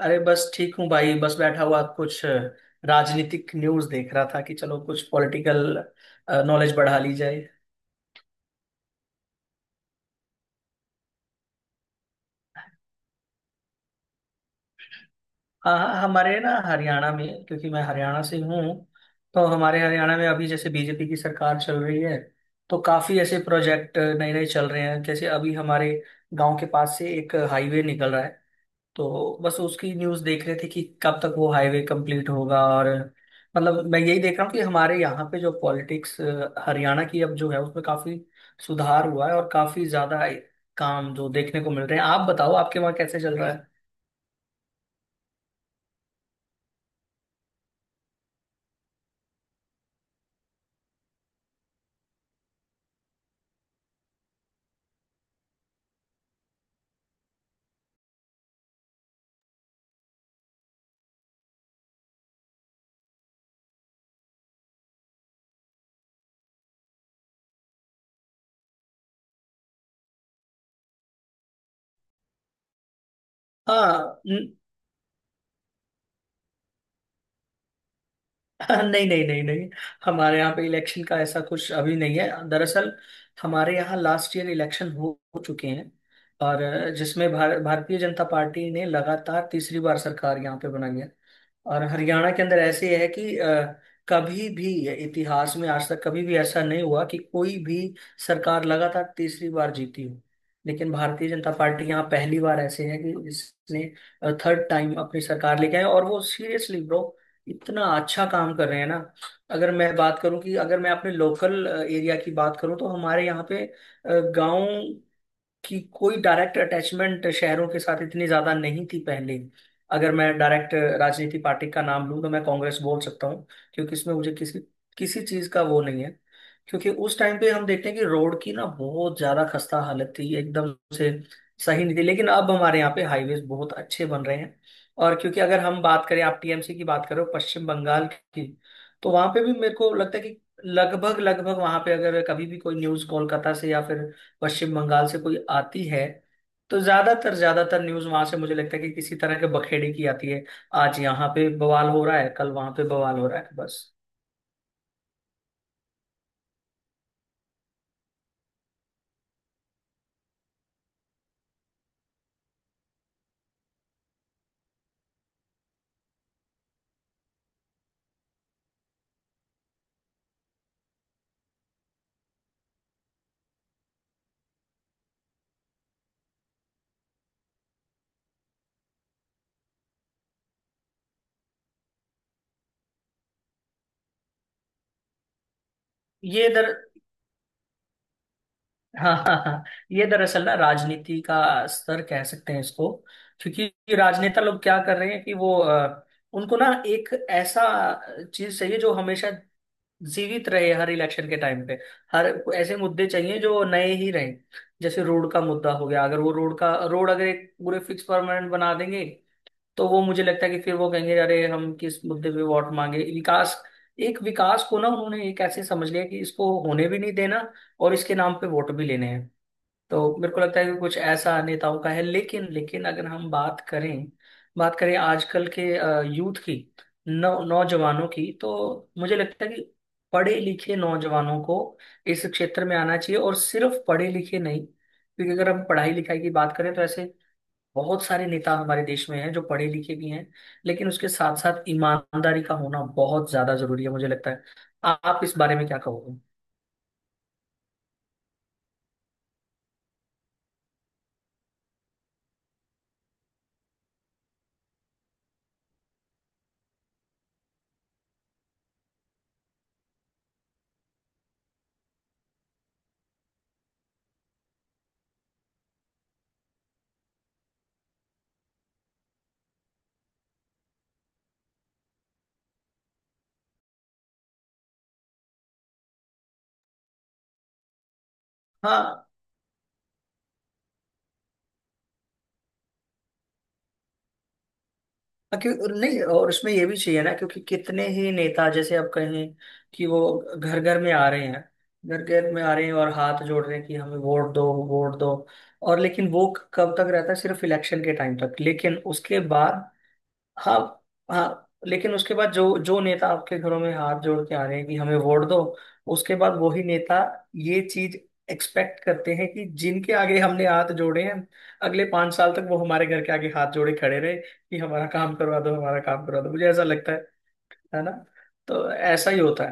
अरे बस ठीक हूँ भाई। बस बैठा हुआ कुछ राजनीतिक न्यूज़ देख रहा था कि चलो कुछ पॉलिटिकल नॉलेज बढ़ा ली जाए। हाँ, हाँ, हमारे ना हरियाणा में, क्योंकि मैं हरियाणा से हूँ। तो हमारे हरियाणा में अभी जैसे बीजेपी की सरकार चल रही है, तो काफ़ी ऐसे प्रोजेक्ट नए नए चल रहे हैं। जैसे अभी हमारे गांव के पास से एक हाईवे निकल रहा है, तो बस उसकी न्यूज देख रहे थे कि कब तक वो हाईवे कंप्लीट होगा। और मतलब मैं यही देख रहा हूँ कि हमारे यहाँ पे जो पॉलिटिक्स हरियाणा की अब जो है, उसमें काफी सुधार हुआ है और काफी ज्यादा काम जो देखने को मिल रहे हैं। आप बताओ आपके वहाँ कैसे चल रहा है। हाँ। नहीं, नहीं, नहीं, नहीं। हमारे यहाँ पे इलेक्शन का ऐसा कुछ अभी नहीं है दरअसल। हमारे यहाँ लास्ट ईयर इलेक्शन हो चुके हैं, और जिसमें भारतीय जनता पार्टी ने लगातार तीसरी बार सरकार यहाँ पे बनाई है। और हरियाणा के अंदर ऐसे है कि कभी भी इतिहास में आज तक कभी भी ऐसा नहीं हुआ कि कोई भी सरकार लगातार तीसरी बार जीती हो। लेकिन भारतीय जनता पार्टी यहाँ पहली बार ऐसे है कि इसने थर्ड टाइम अपनी सरकार लेके आए। और वो सीरियसली ब्रो इतना अच्छा काम कर रहे हैं ना। अगर मैं बात करूं, कि अगर मैं अपने लोकल एरिया की बात करूं, तो हमारे यहाँ पे गांव कि कोई डायरेक्ट अटैचमेंट शहरों के साथ इतनी ज्यादा नहीं थी पहले। अगर मैं डायरेक्ट राजनीति पार्टी का नाम लूं, तो मैं कांग्रेस बोल सकता हूँ। क्योंकि इसमें मुझे किसी किसी चीज का वो नहीं है। क्योंकि उस टाइम पे हम देखते हैं कि रोड की ना बहुत ज्यादा खस्ता हालत थी एकदम से, सही नहीं थी। लेकिन अब हमारे यहाँ पे हाईवेज बहुत अच्छे बन रहे हैं। और क्योंकि अगर हम बात करें, आप टीएमसी की बात करो, पश्चिम बंगाल की, तो वहां पे भी मेरे को लगता है कि लगभग लगभग वहां पे, अगर कभी भी कोई न्यूज कोलकाता से या फिर पश्चिम बंगाल से कोई आती है, तो ज्यादातर ज्यादातर न्यूज वहां से मुझे लगता है कि किसी तरह के बखेड़े की आती है। आज यहाँ पे बवाल हो रहा है, कल वहां पे बवाल हो रहा है, बस। ये दर हाँ, हाँ, हाँ। ये दरअसल ना राजनीति का स्तर कह सकते हैं इसको। क्योंकि ये राजनेता लोग क्या कर रहे हैं कि वो उनको ना एक ऐसा चीज चाहिए जो हमेशा जीवित रहे, हर इलेक्शन के टाइम पे हर ऐसे मुद्दे चाहिए जो नए ही रहें। जैसे रोड का मुद्दा हो गया, अगर वो रोड अगर एक पूरे फिक्स परमानेंट बना देंगे, तो वो मुझे लगता है कि फिर वो कहेंगे, अरे हम किस मुद्दे पे वोट मांगे। विकास को ना उन्होंने एक ऐसे समझ लिया कि इसको होने भी नहीं देना, और इसके नाम पे वोट भी लेने हैं। तो मेरे को लगता है कि कुछ ऐसा नेताओं का है। लेकिन लेकिन अगर हम बात करें आजकल के यूथ की, नौ नौजवानों की, तो मुझे लगता है कि पढ़े लिखे नौजवानों को इस क्षेत्र में आना चाहिए। और सिर्फ पढ़े लिखे नहीं, क्योंकि अगर हम पढ़ाई लिखाई की बात करें, तो ऐसे बहुत सारे नेता हमारे देश में हैं जो पढ़े लिखे भी हैं, लेकिन उसके साथ साथ ईमानदारी का होना बहुत ज्यादा जरूरी है, मुझे लगता है। आप इस बारे में क्या कहोगे। हाँ। हाँ, क्यों नहीं। और उसमें ये भी चाहिए ना, क्योंकि कितने ही नेता, जैसे आप कहें कि वो घर घर में आ रहे हैं, घर घर में आ रहे हैं और हाथ जोड़ रहे हैं कि हमें वोट दो, वोट दो। और लेकिन वो कब तक रहता है? सिर्फ इलेक्शन के टाइम तक। लेकिन उसके बाद। हाँ। हाँ। लेकिन उसके बाद जो जो नेता आपके घरों में हाथ जोड़ के आ रहे हैं कि हमें वोट दो, उसके बाद वही नेता ये चीज एक्सपेक्ट करते हैं कि जिनके आगे हमने हाथ जोड़े हैं, अगले पांच साल तक वो हमारे घर के आगे हाथ जोड़े खड़े रहे कि हमारा काम करवा दो, हमारा काम करवा दो। मुझे ऐसा लगता है। है ना। तो ऐसा ही होता।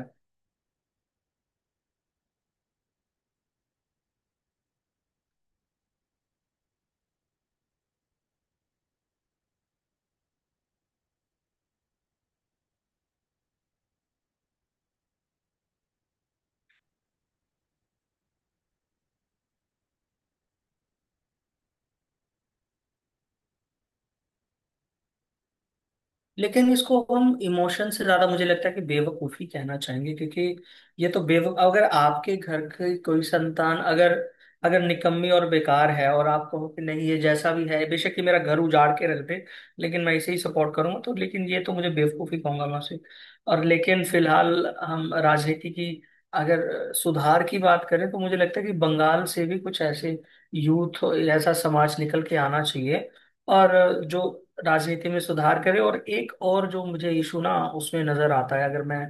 लेकिन इसको हम इमोशन से ज्यादा मुझे लगता है कि बेवकूफी कहना चाहेंगे, क्योंकि ये तो बेवक अगर आपके घर की कोई संतान अगर अगर निकम्मी और बेकार है, और आप कहो कि नहीं, ये जैसा भी है, बेशक ये मेरा घर उजाड़ के रख दे लेकिन मैं इसे ही सपोर्ट करूंगा, तो लेकिन ये तो मुझे बेवकूफी कहूंगा मैं उसे। और लेकिन फिलहाल हम राजनीति की अगर सुधार की बात करें, तो मुझे लगता है कि बंगाल से भी कुछ ऐसे यूथ, ऐसा समाज निकल के आना चाहिए, और जो राजनीति में सुधार करे। और एक और जो मुझे इशू ना उसमें नजर आता है, अगर मैं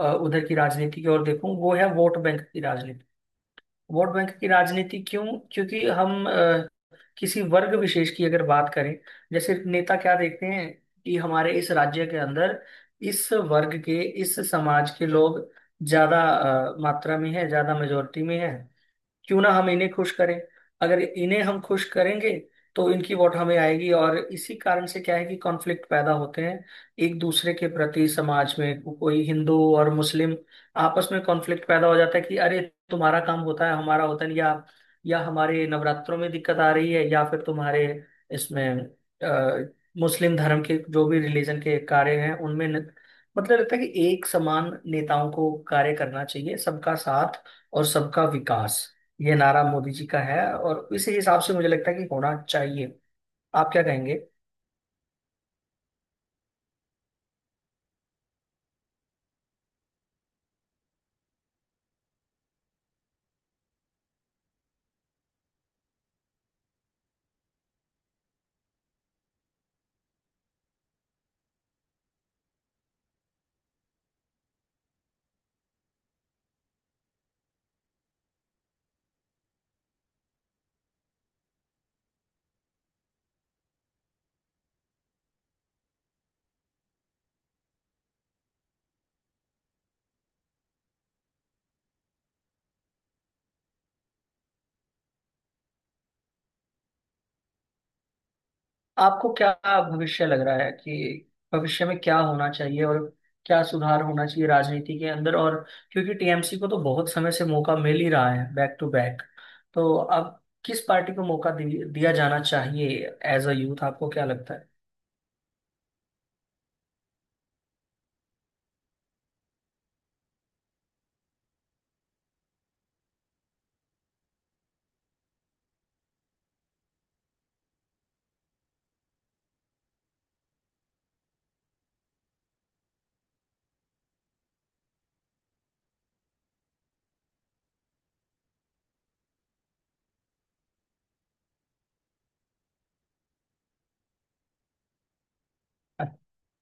उधर की राजनीति की ओर देखूं, वो है वोट बैंक की राजनीति। वोट बैंक की राजनीति क्यों? क्योंकि हम किसी वर्ग विशेष की अगर बात करें, जैसे नेता क्या देखते हैं कि हमारे इस राज्य के अंदर इस वर्ग के, इस समाज के लोग ज्यादा मात्रा में है, ज्यादा मेजोरिटी में है, क्यों ना हम इन्हें खुश करें, अगर इन्हें हम खुश करेंगे तो इनकी वोट हमें आएगी। और इसी कारण से क्या है कि कॉन्फ्लिक्ट पैदा होते हैं एक दूसरे के प्रति समाज में। कोई हिंदू और मुस्लिम आपस में कॉन्फ्लिक्ट पैदा हो जाता है कि अरे तुम्हारा काम होता है, हमारा होता नहीं, या हमारे नवरात्रों में दिक्कत आ रही है, या फिर तुम्हारे इसमें अ, मुस्लिम धर्म के जो भी रिलीजन के कार्य हैं उनमें न, मतलब लगता है कि एक समान नेताओं को कार्य करना चाहिए। सबका साथ और सबका विकास, ये नारा मोदी जी का है, और इसी हिसाब से मुझे लगता है कि होना चाहिए। आप क्या कहेंगे। आपको क्या भविष्य लग रहा है कि भविष्य में क्या होना चाहिए, और क्या सुधार होना चाहिए राजनीति के अंदर। और क्योंकि टीएमसी को तो बहुत समय से मौका मिल ही रहा है, बैक टू बैक, तो अब किस पार्टी को मौका दिया जाना चाहिए, एज अ यूथ आपको क्या लगता है।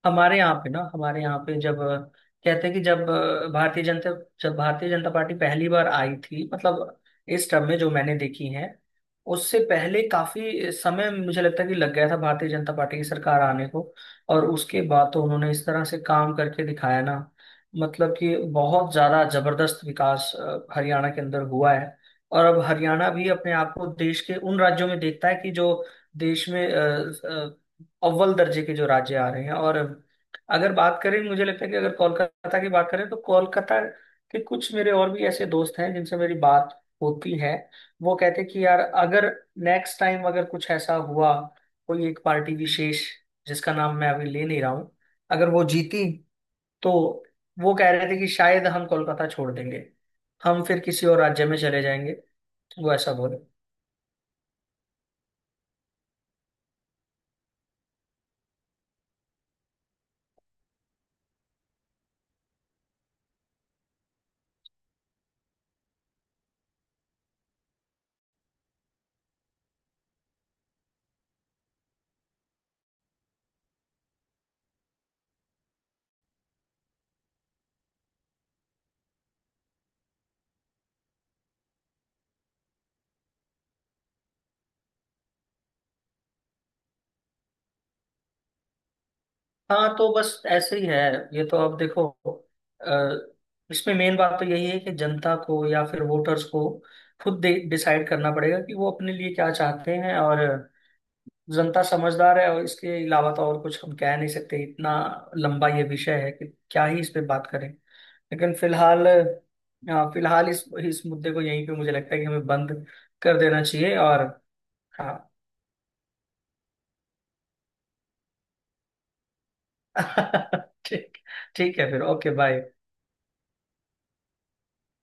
हमारे यहाँ पे कहते हैं कि जब भारतीय जनता पार्टी पहली बार आई थी, मतलब इस टर्म में जो मैंने देखी है, उससे पहले काफी समय मुझे लगता है कि लग गया था भारतीय जनता पार्टी की सरकार आने को। और उसके बाद तो उन्होंने इस तरह से काम करके दिखाया ना, मतलब कि बहुत ज्यादा जबरदस्त विकास हरियाणा के अंदर हुआ है। और अब हरियाणा भी अपने आप को देश के उन राज्यों में देखता है कि जो देश में अव्वल दर्जे के जो राज्य आ रहे हैं। और अगर बात करें, मुझे लगता है कि अगर कोलकाता की बात करें, तो कोलकाता के कुछ मेरे और भी ऐसे दोस्त हैं जिनसे मेरी बात होती है। वो कहते हैं कि यार अगर नेक्स्ट टाइम अगर कुछ ऐसा हुआ, कोई एक पार्टी विशेष, जिसका नाम मैं अभी ले नहीं रहा हूँ, अगर वो जीती, तो वो कह रहे थे कि शायद हम कोलकाता छोड़ देंगे, हम फिर किसी और राज्य में चले जाएंगे। वो ऐसा बोले। हाँ, तो बस ऐसे ही है। ये तो अब देखो, अ, इसमें मेन बात तो यही है कि जनता को या फिर वोटर्स को खुद डिसाइड करना पड़ेगा कि वो अपने लिए क्या चाहते हैं। और जनता समझदार है, और इसके अलावा तो और कुछ हम कह नहीं सकते। इतना लंबा ये विषय है कि क्या ही इस पे बात करें। लेकिन फिलहाल इस मुद्दे को यहीं पे मुझे लगता है कि हमें बंद कर देना चाहिए और। हाँ। ठीक ठीक है फिर। Okay, bye.